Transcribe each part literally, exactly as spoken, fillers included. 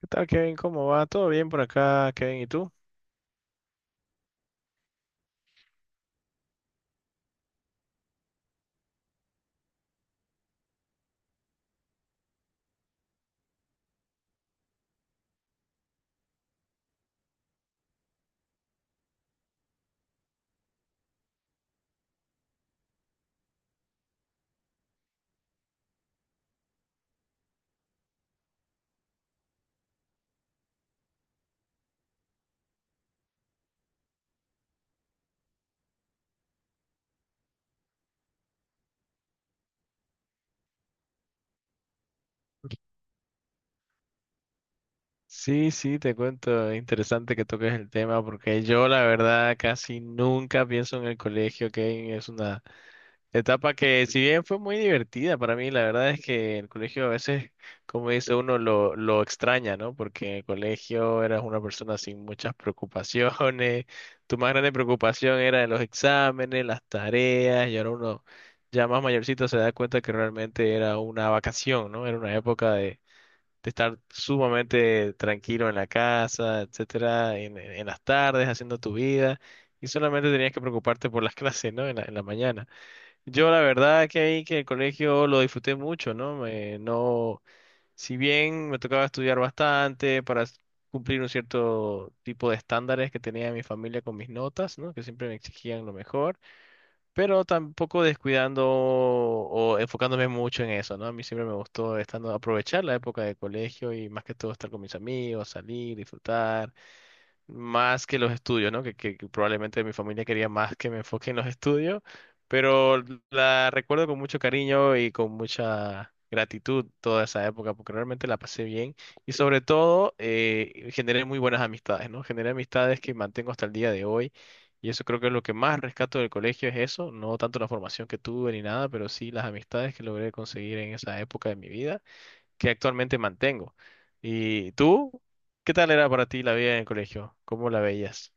¿Qué tal, Kevin? ¿Cómo va? ¿Todo bien por acá, Kevin? ¿Y tú? Sí, sí, te cuento, es interesante que toques el tema porque yo la verdad casi nunca pienso en el colegio, Kevin, es una etapa que, si bien fue muy divertida para mí, la verdad es que el colegio a veces, como dice uno, lo, lo extraña, ¿no? Porque en el colegio eras una persona sin muchas preocupaciones, tu más grande preocupación era los exámenes, las tareas, y ahora uno ya más mayorcito se da cuenta que realmente era una vacación, ¿no? Era una época de, de estar sumamente tranquilo en la casa, etcétera, en, en las tardes, haciendo tu vida, y solamente tenías que preocuparte por las clases, ¿no? En la, en la mañana. Yo la verdad que ahí que el colegio lo disfruté mucho, ¿no? Me, no, si bien me tocaba estudiar bastante para s- cumplir un cierto tipo de estándares que tenía mi familia con mis notas, ¿no? Que siempre me exigían lo mejor, pero tampoco descuidando o enfocándome mucho en eso, ¿no? A mí siempre me gustó estando, aprovechar la época de colegio y más que todo estar con mis amigos, salir, disfrutar más que los estudios, ¿no? Que, que- que probablemente mi familia quería más que me enfoque en los estudios, pero la recuerdo con mucho cariño y con mucha gratitud toda esa época, porque realmente la pasé bien y sobre todo eh, generé muy buenas amistades, ¿no? Generé amistades que mantengo hasta el día de hoy, y eso creo que es lo que más rescato del colegio, es eso, no tanto la formación que tuve ni nada, pero sí las amistades que logré conseguir en esa época de mi vida que actualmente mantengo. ¿Y tú? ¿Qué tal era para ti la vida en el colegio? ¿Cómo la veías?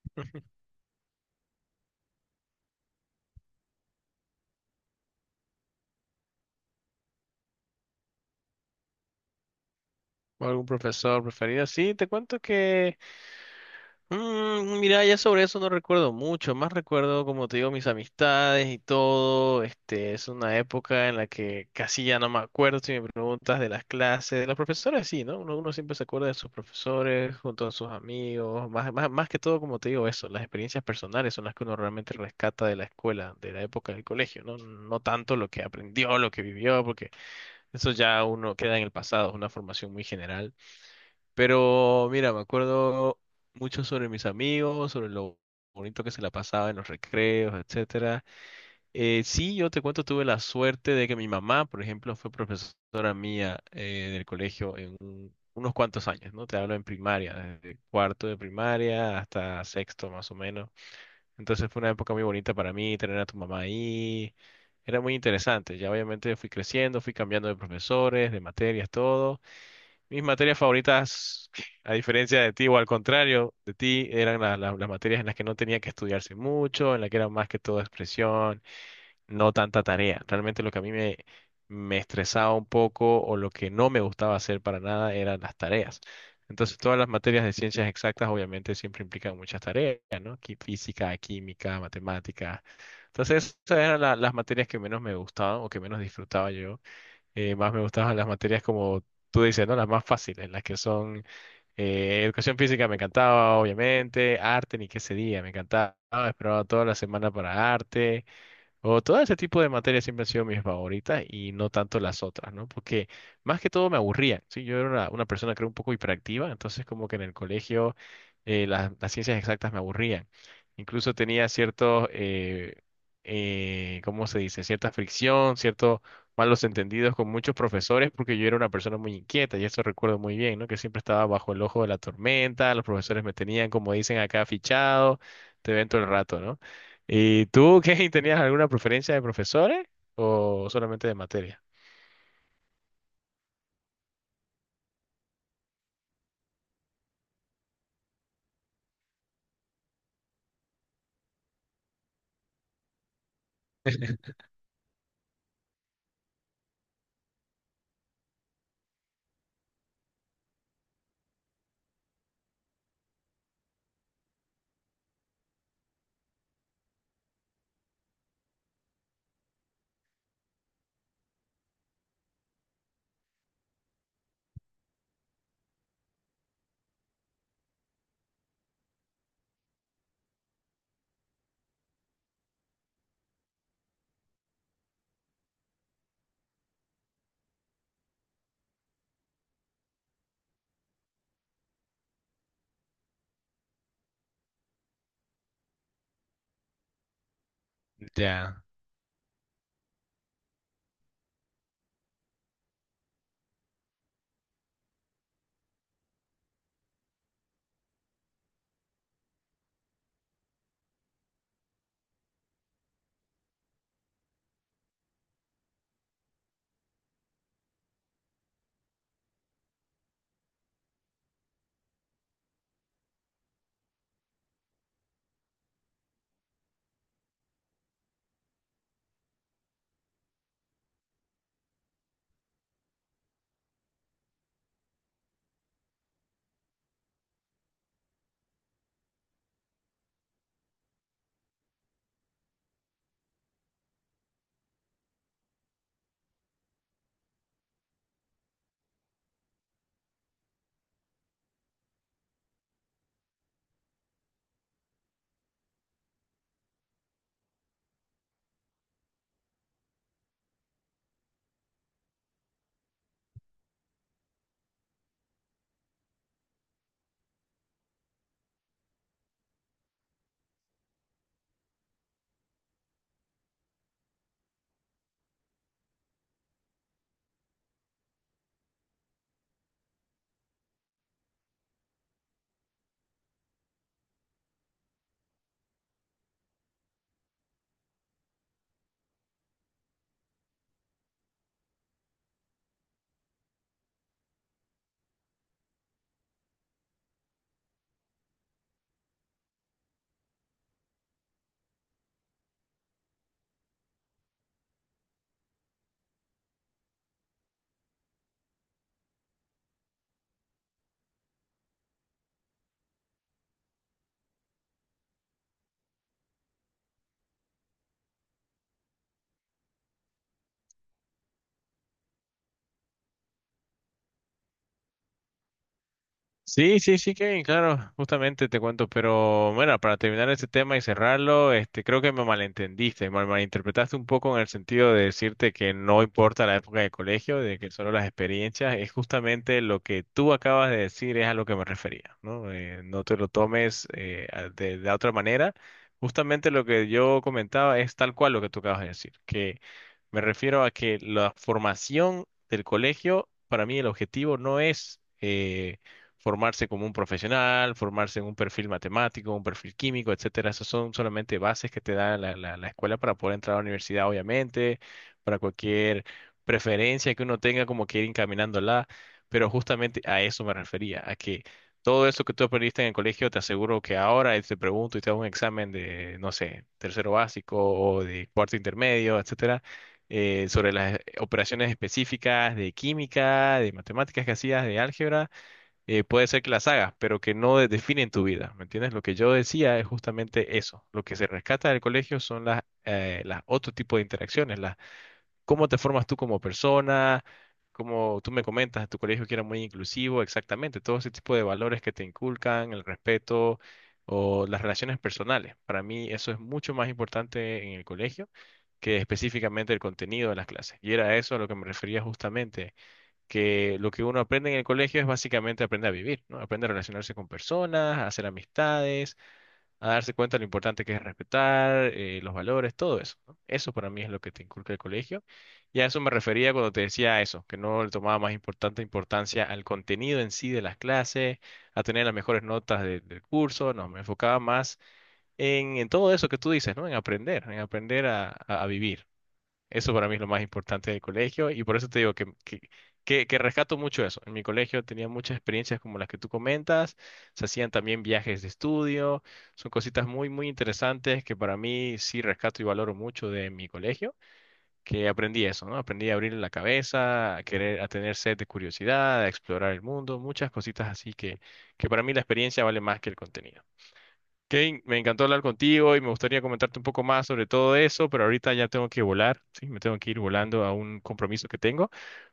¿O algún profesor preferido? Sí, te cuento que Mm, mira, ya sobre eso no recuerdo mucho, más recuerdo, como te digo, mis amistades y todo. Este, es una época en la que casi ya no me acuerdo si me preguntas de las clases, de los profesores, sí, ¿no? Uno, uno siempre se acuerda de sus profesores, junto a sus amigos, más, más, más que todo, como te digo, eso, las experiencias personales son las que uno realmente rescata de la escuela, de la época del colegio, ¿no? No tanto lo que aprendió, lo que vivió, porque eso ya uno queda en el pasado, es una formación muy general. Pero mira, me acuerdo mucho sobre mis amigos, sobre lo bonito que se la pasaba en los recreos, etcétera. Eh, sí, yo te cuento, tuve la suerte de que mi mamá, por ejemplo, fue profesora mía eh, del colegio en un- unos cuantos años, ¿no? Te hablo en primaria, desde cuarto de primaria hasta sexto más o menos. Entonces fue una época muy bonita para mí tener a tu mamá ahí. Era muy interesante. Ya obviamente fui creciendo, fui cambiando de profesores, de materias, todo. Mis materias favoritas, a diferencia de ti o al contrario de ti, eran la- la- las materias en las que no tenía que estudiarse mucho, en las que era más que todo expresión, no tanta tarea. Realmente lo que a mí me, me estresaba un poco, o lo que no me gustaba hacer para nada, eran las tareas. Entonces, todas las materias de ciencias exactas obviamente siempre implican muchas tareas, ¿no? Qui- Física, química, matemática. Entonces, esas eran la- las materias que menos me gustaban o que menos disfrutaba yo. eh, más me gustaban las materias como tú dices, ¿no? Las más fáciles, las que son, eh, educación física me encantaba, obviamente, arte ni qué ese día, me encantaba, esperaba toda la semana para arte, o todo ese tipo de materias siempre han sido mis favoritas y no tanto las otras, ¿no? Porque más que todo me aburrían, ¿sí? Yo era una, una persona creo un poco hiperactiva, entonces como que en el colegio eh, las, las ciencias exactas me aburrían. Incluso tenía cierto, eh, eh, ¿cómo se dice? Cierta fricción, ciertos malos entendidos con muchos profesores, porque yo era una persona muy inquieta y eso recuerdo muy bien, ¿no? Que siempre estaba bajo el ojo de la tormenta, los profesores me tenían, como dicen acá, fichado, te ven todo el rato, ¿no? ¿Y tú, Kevin, tenías alguna preferencia de profesores o solamente de materia? Ya. Sí, sí, sí, Kevin, claro, justamente te cuento, pero bueno, para terminar este tema y cerrarlo, este, creo que me malentendiste, mal, malinterpretaste un poco, en el sentido de decirte que no importa la época de colegio, de que solo las experiencias, es justamente lo que tú acabas de decir, es a lo que me refería, ¿no? Eh, no te lo tomes eh, a- de, de otra manera, justamente lo que yo comentaba es tal cual lo que tú acabas de decir, que me refiero a que la formación del colegio, para mí el objetivo no es... eh, formarse como un profesional, formarse en un perfil matemático, un perfil químico, etcétera. Esas son solamente bases que te da la, la, la escuela para poder entrar a la universidad, obviamente, para cualquier preferencia que uno tenga, como que ir encaminándola. Pero justamente a eso me refería, a que todo eso que tú aprendiste en el colegio, te aseguro que ahora eh, te pregunto y te hago un examen de, no sé, tercero básico o de cuarto intermedio, etcétera, eh, sobre las operaciones específicas de química, de matemáticas que hacías, de álgebra, eh, puede ser que las hagas, pero que no de- definen tu vida, ¿me entiendes? Lo que yo decía es justamente eso. Lo que se rescata del colegio son las, eh, las otro tipo de interacciones, las, cómo te formas tú como persona, como tú me comentas, tu colegio que era muy inclusivo, exactamente, todo ese tipo de valores que te inculcan, el respeto o las relaciones personales. Para mí eso es mucho más importante en el colegio que específicamente el contenido de las clases. Y era eso a lo que me refería, justamente que lo que uno aprende en el colegio es básicamente aprender a vivir, ¿no? Aprende a relacionarse con personas, a hacer amistades, a darse cuenta de lo importante que es respetar, eh, los valores, todo eso, ¿no? Eso para mí es lo que te inculca el colegio. Y a eso me refería cuando te decía eso, que no le tomaba más importante importancia al contenido en sí de las clases, a tener las mejores notas de- del curso, no, me enfocaba más en, en todo eso que tú dices, ¿no? En aprender, en aprender a a- a vivir. Eso para mí es lo más importante del colegio, y por eso te digo que, que, que- que rescato mucho eso. En mi colegio tenía muchas experiencias como las que tú comentas, se hacían también viajes de estudio, son cositas muy, muy interesantes que para mí sí rescato y valoro mucho de mi colegio, que aprendí eso, ¿no? Aprendí a abrir la cabeza, a querer, a tener sed de curiosidad, a explorar el mundo, muchas cositas así que, que para mí la experiencia vale más que el contenido. Kane, me encantó hablar contigo y me gustaría comentarte un poco más sobre todo eso, pero ahorita ya tengo que volar, sí, me tengo que ir volando a un compromiso que tengo.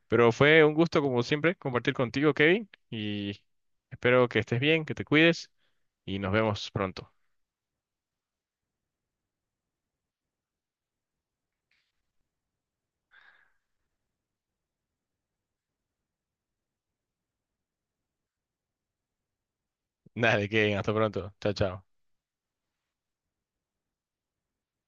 Pero fue un gusto, como siempre, compartir contigo, Kevin, y espero que estés bien, que te cuides y nos vemos pronto. Nada de Kevin, hasta pronto. Chao, chao.